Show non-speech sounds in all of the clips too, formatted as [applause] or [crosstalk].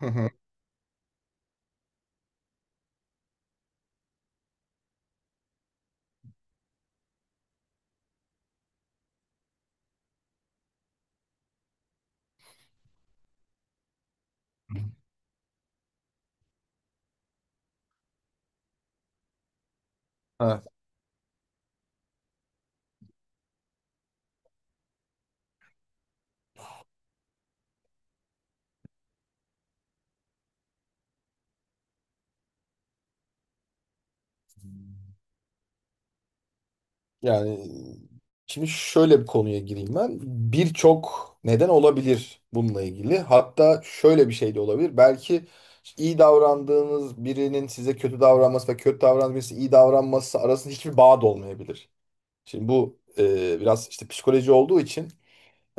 Hı hı. Evet. Yani şimdi şöyle bir konuya gireyim ben. Birçok neden olabilir bununla ilgili. Hatta şöyle bir şey de olabilir. Belki iyi davrandığınız birinin size kötü davranması ve kötü davranan birisi iyi davranması arasında hiçbir bağ da olmayabilir. Şimdi bu biraz işte psikoloji olduğu için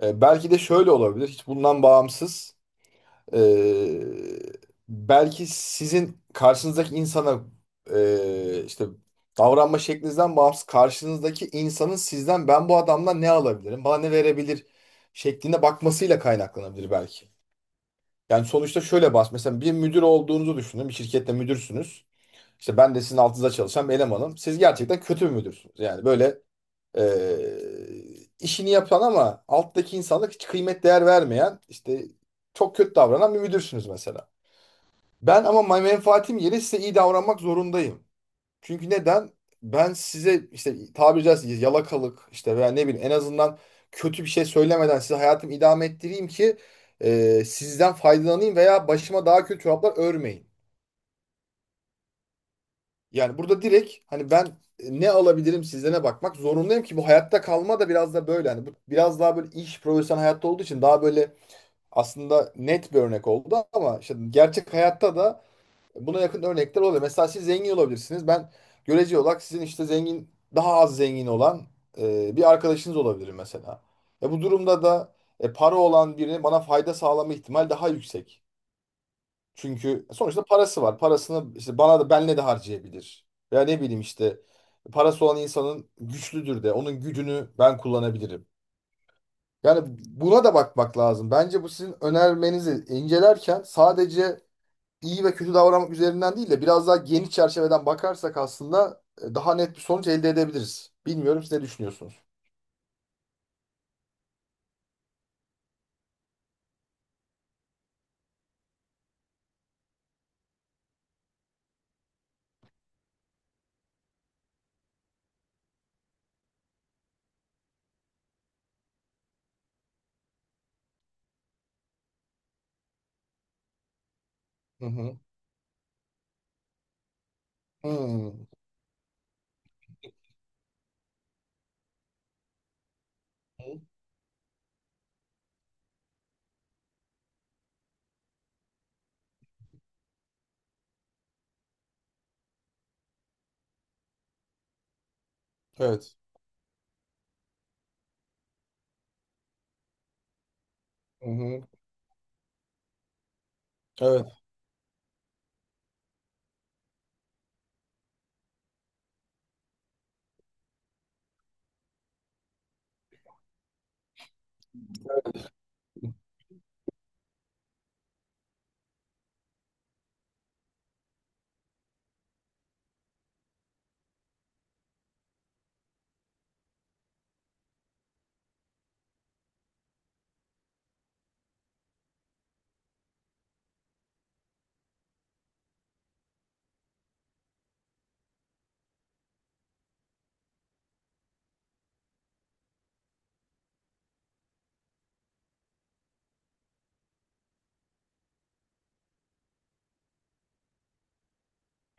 belki de şöyle olabilir. Hiç bundan bağımsız. Ee, Belki sizin karşınızdaki insana işte davranma şeklinizden bağımsız karşınızdaki insanın sizden ben bu adamdan ne alabilirim, bana ne verebilir şeklinde bakmasıyla kaynaklanabilir belki. Yani sonuçta şöyle bas mesela bir müdür olduğunuzu düşünün, bir şirkette müdürsünüz. İşte ben de sizin altınızda çalışan bir elemanım. Siz gerçekten kötü bir müdürsünüz. Yani böyle işini yapan ama alttaki insanlık hiç kıymet değer vermeyen işte çok kötü davranan bir müdürsünüz mesela. Ben ama menfaatim yeri size iyi davranmak zorundayım. Çünkü neden? Ben size işte tabiri caizse yalakalık işte veya ne bileyim en azından kötü bir şey söylemeden size hayatımı idame ettireyim ki sizden faydalanayım veya başıma daha kötü çoraplar örmeyin. Yani burada direkt hani ben ne alabilirim sizlere bakmak zorundayım ki bu hayatta kalma da biraz da böyle. Hani bu biraz daha böyle iş profesyonel hayatta olduğu için daha böyle aslında net bir örnek oldu ama işte gerçek hayatta da buna yakın örnekler oluyor. Mesela siz zengin olabilirsiniz. Ben görece olarak sizin işte zengin, daha az zengin olan bir arkadaşınız olabilirim mesela. Bu durumda da para olan birine bana fayda sağlama ihtimal daha yüksek. Çünkü sonuçta parası var. Parasını işte bana da benle de harcayabilir. Ya ne bileyim işte parası olan insanın güçlüdür de onun gücünü ben kullanabilirim. Yani buna da bakmak lazım. Bence bu sizin önermenizi incelerken sadece iyi ve kötü davranmak üzerinden değil de biraz daha geniş çerçeveden bakarsak aslında daha net bir sonuç elde edebiliriz. Bilmiyorum siz ne düşünüyorsunuz? Hı hı. Hmm. Evet. Hı hı. Evet.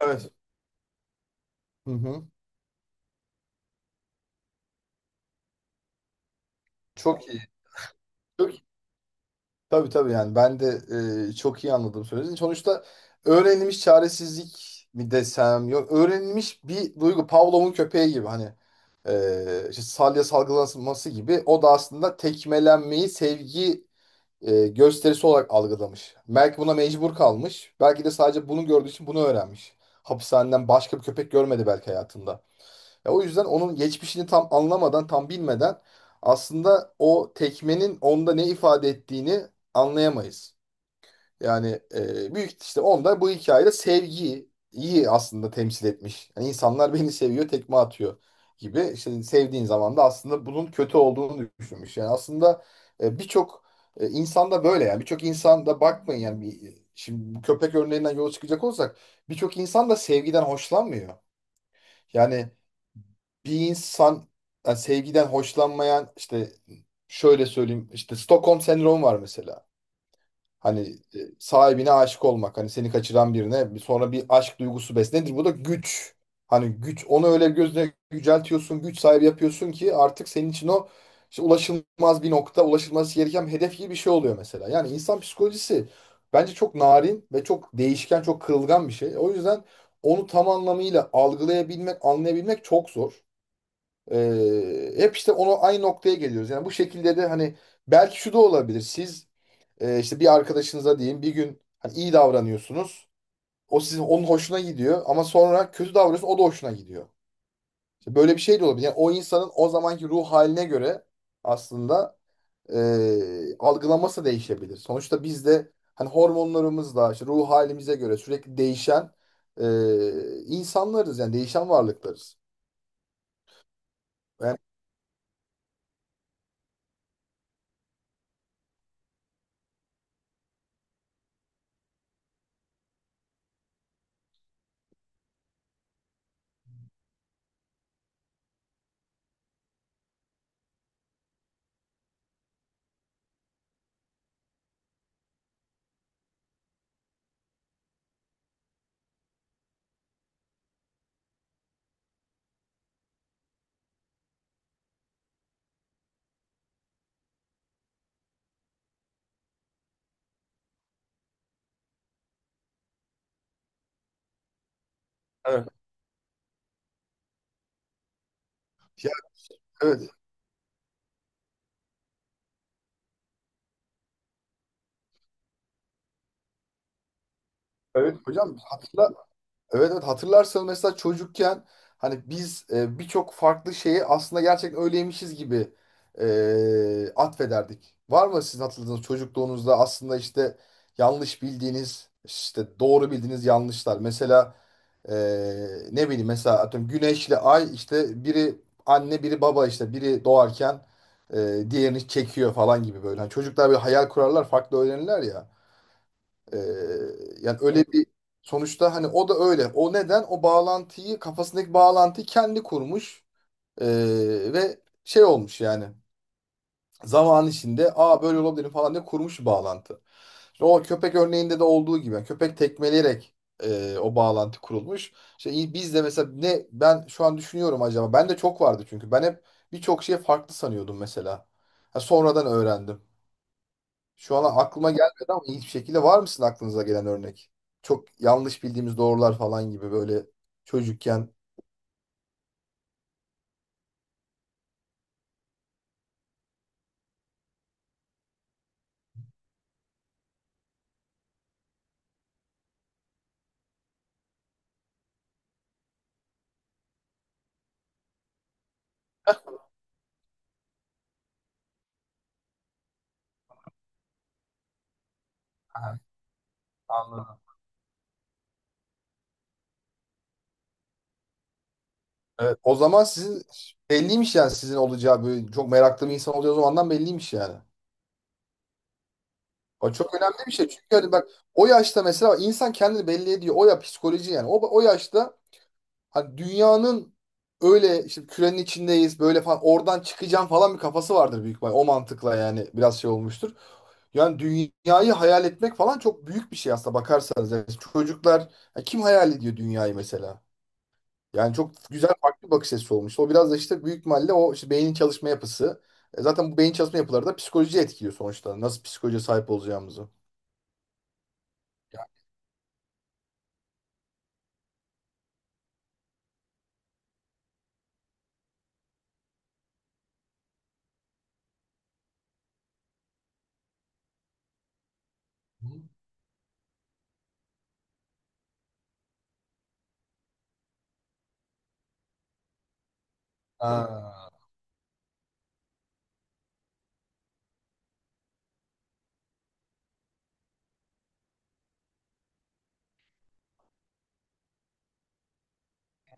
Evet. Hı hı. Çok iyi. Çok iyi. Tabii tabii yani ben de çok iyi anladım söylediğinizi. Sonuçta öğrenilmiş çaresizlik mi desem yok öğrenilmiş bir duygu Pavlov'un köpeği gibi hani işte salya salgılanması gibi o da aslında tekmelenmeyi sevgi gösterisi olarak algılamış. Belki buna mecbur kalmış. Belki de sadece bunu gördüğü için bunu öğrenmiş. Hapishaneden başka bir köpek görmedi belki hayatında. Ya o yüzden onun geçmişini tam anlamadan, tam bilmeden aslında o tekmenin onda ne ifade ettiğini anlayamayız. Yani büyük işte onda bu hikayede sevgiyi iyi aslında temsil etmiş. Yani insanlar beni seviyor, tekme atıyor gibi. İşte sevdiğin zaman da aslında bunun kötü olduğunu düşünmüş. Yani aslında birçok insanda böyle yani birçok insanda bakmayın yani bir, şimdi bu köpek örneğinden yola çıkacak olsak birçok insan da sevgiden hoşlanmıyor. Yani bir insan yani sevgiden hoşlanmayan işte şöyle söyleyeyim işte Stockholm sendromu var mesela. Hani sahibine aşık olmak. Hani seni kaçıran birine sonra bir aşk duygusu beslenir. Bu da güç. Hani güç onu öyle gözüne yüceltiyorsun, güç sahibi yapıyorsun ki artık senin için o işte ulaşılmaz bir nokta, ulaşılması gereken bir hedef gibi bir şey oluyor mesela. Yani insan psikolojisi bence çok narin ve çok değişken, çok kırılgan bir şey. O yüzden onu tam anlamıyla algılayabilmek, anlayabilmek çok zor. Hep işte onu aynı noktaya geliyoruz. Yani bu şekilde de hani belki şu da olabilir. Siz işte bir arkadaşınıza diyeyim bir gün hani iyi davranıyorsunuz. O sizin onun hoşuna gidiyor ama sonra kötü davranıyorsun o da hoşuna gidiyor. İşte böyle bir şey de olabilir. Yani o insanın o zamanki ruh haline göre aslında algılaması değişebilir. Sonuçta biz de hani hormonlarımızla işte ruh halimize göre sürekli değişen e, insanlarız yani değişen varlıklarız. Yani evet, ya, evet, evet hocam evet evet hatırlarsanız mesela çocukken hani biz birçok farklı şeyi aslında gerçekten öyleymişiz gibi atfederdik. Var mı sizin hatırladığınız çocukluğunuzda aslında işte yanlış bildiğiniz işte doğru bildiğiniz yanlışlar. Mesela e, ne bileyim mesela atıyorum güneşle ay işte biri anne biri baba işte biri doğarken diğerini çekiyor falan gibi böyle. Hani çocuklar bir hayal kurarlar farklı öğrenirler ya. Ee, Yani öyle bir sonuçta hani o da öyle. O neden? O bağlantıyı Kafasındaki bağlantıyı kendi kurmuş Ee, ve şey olmuş yani. Zaman içinde aa böyle olabilir falan diye kurmuş bir bağlantı. İşte o köpek örneğinde de olduğu gibi yani köpek tekmeleyerek o bağlantı kurulmuş. İşte biz de mesela ne ben şu an düşünüyorum acaba. Ben de çok vardı çünkü ben hep birçok şeyi farklı sanıyordum mesela. Ha, sonradan öğrendim. Şu an aklıma gelmedi ama ilginç bir şekilde var mısın aklınıza gelen örnek? Çok yanlış bildiğimiz doğrular falan gibi böyle çocukken. [laughs] Aha, anladım. Evet, o zaman sizin belliymiş yani sizin olacağı böyle çok meraklı bir insan olacağı o zamandan belliymiş yani. O çok önemli bir şey çünkü hani bak o yaşta mesela insan kendini belli ediyor. O ya psikoloji yani. O, o yaşta hani dünyanın öyle işte kürenin içindeyiz böyle falan oradan çıkacağım falan bir kafası vardır büyük ihtimal. O mantıkla yani biraz şey olmuştur. Yani dünyayı hayal etmek falan çok büyük bir şey aslında bakarsanız. Yani çocuklar ya kim hayal ediyor dünyayı mesela? Yani çok güzel farklı bir bakış açısı olmuş. O biraz da işte büyük ihtimalle o işte beynin çalışma yapısı. E zaten bu beyin çalışma yapıları da psikolojiyi etkiliyor sonuçta. Nasıl psikolojiye sahip olacağımızı. Ha,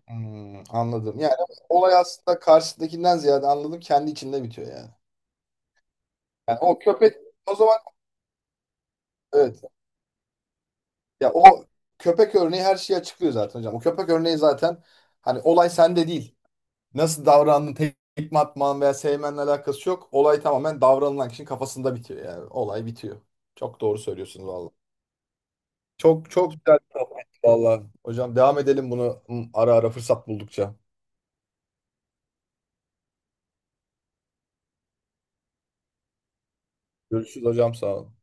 hmm, anladım. Yani olay aslında karşıdakinden ziyade anladım kendi içinde bitiyor yani. Yani o köpek o zaman evet. Ya o köpek örneği her şeyi açıklıyor zaten hocam. O köpek örneği zaten hani olay sende değil. Nasıl davrandın, tekme atman veya sevmenle alakası yok. Olay tamamen davranılan kişinin kafasında bitiyor yani. Olay bitiyor. Çok doğru söylüyorsunuz valla. Çok çok güzel bir sohbetti valla. Hocam devam edelim bunu hı, ara ara fırsat buldukça. Görüşürüz hocam sağ olun.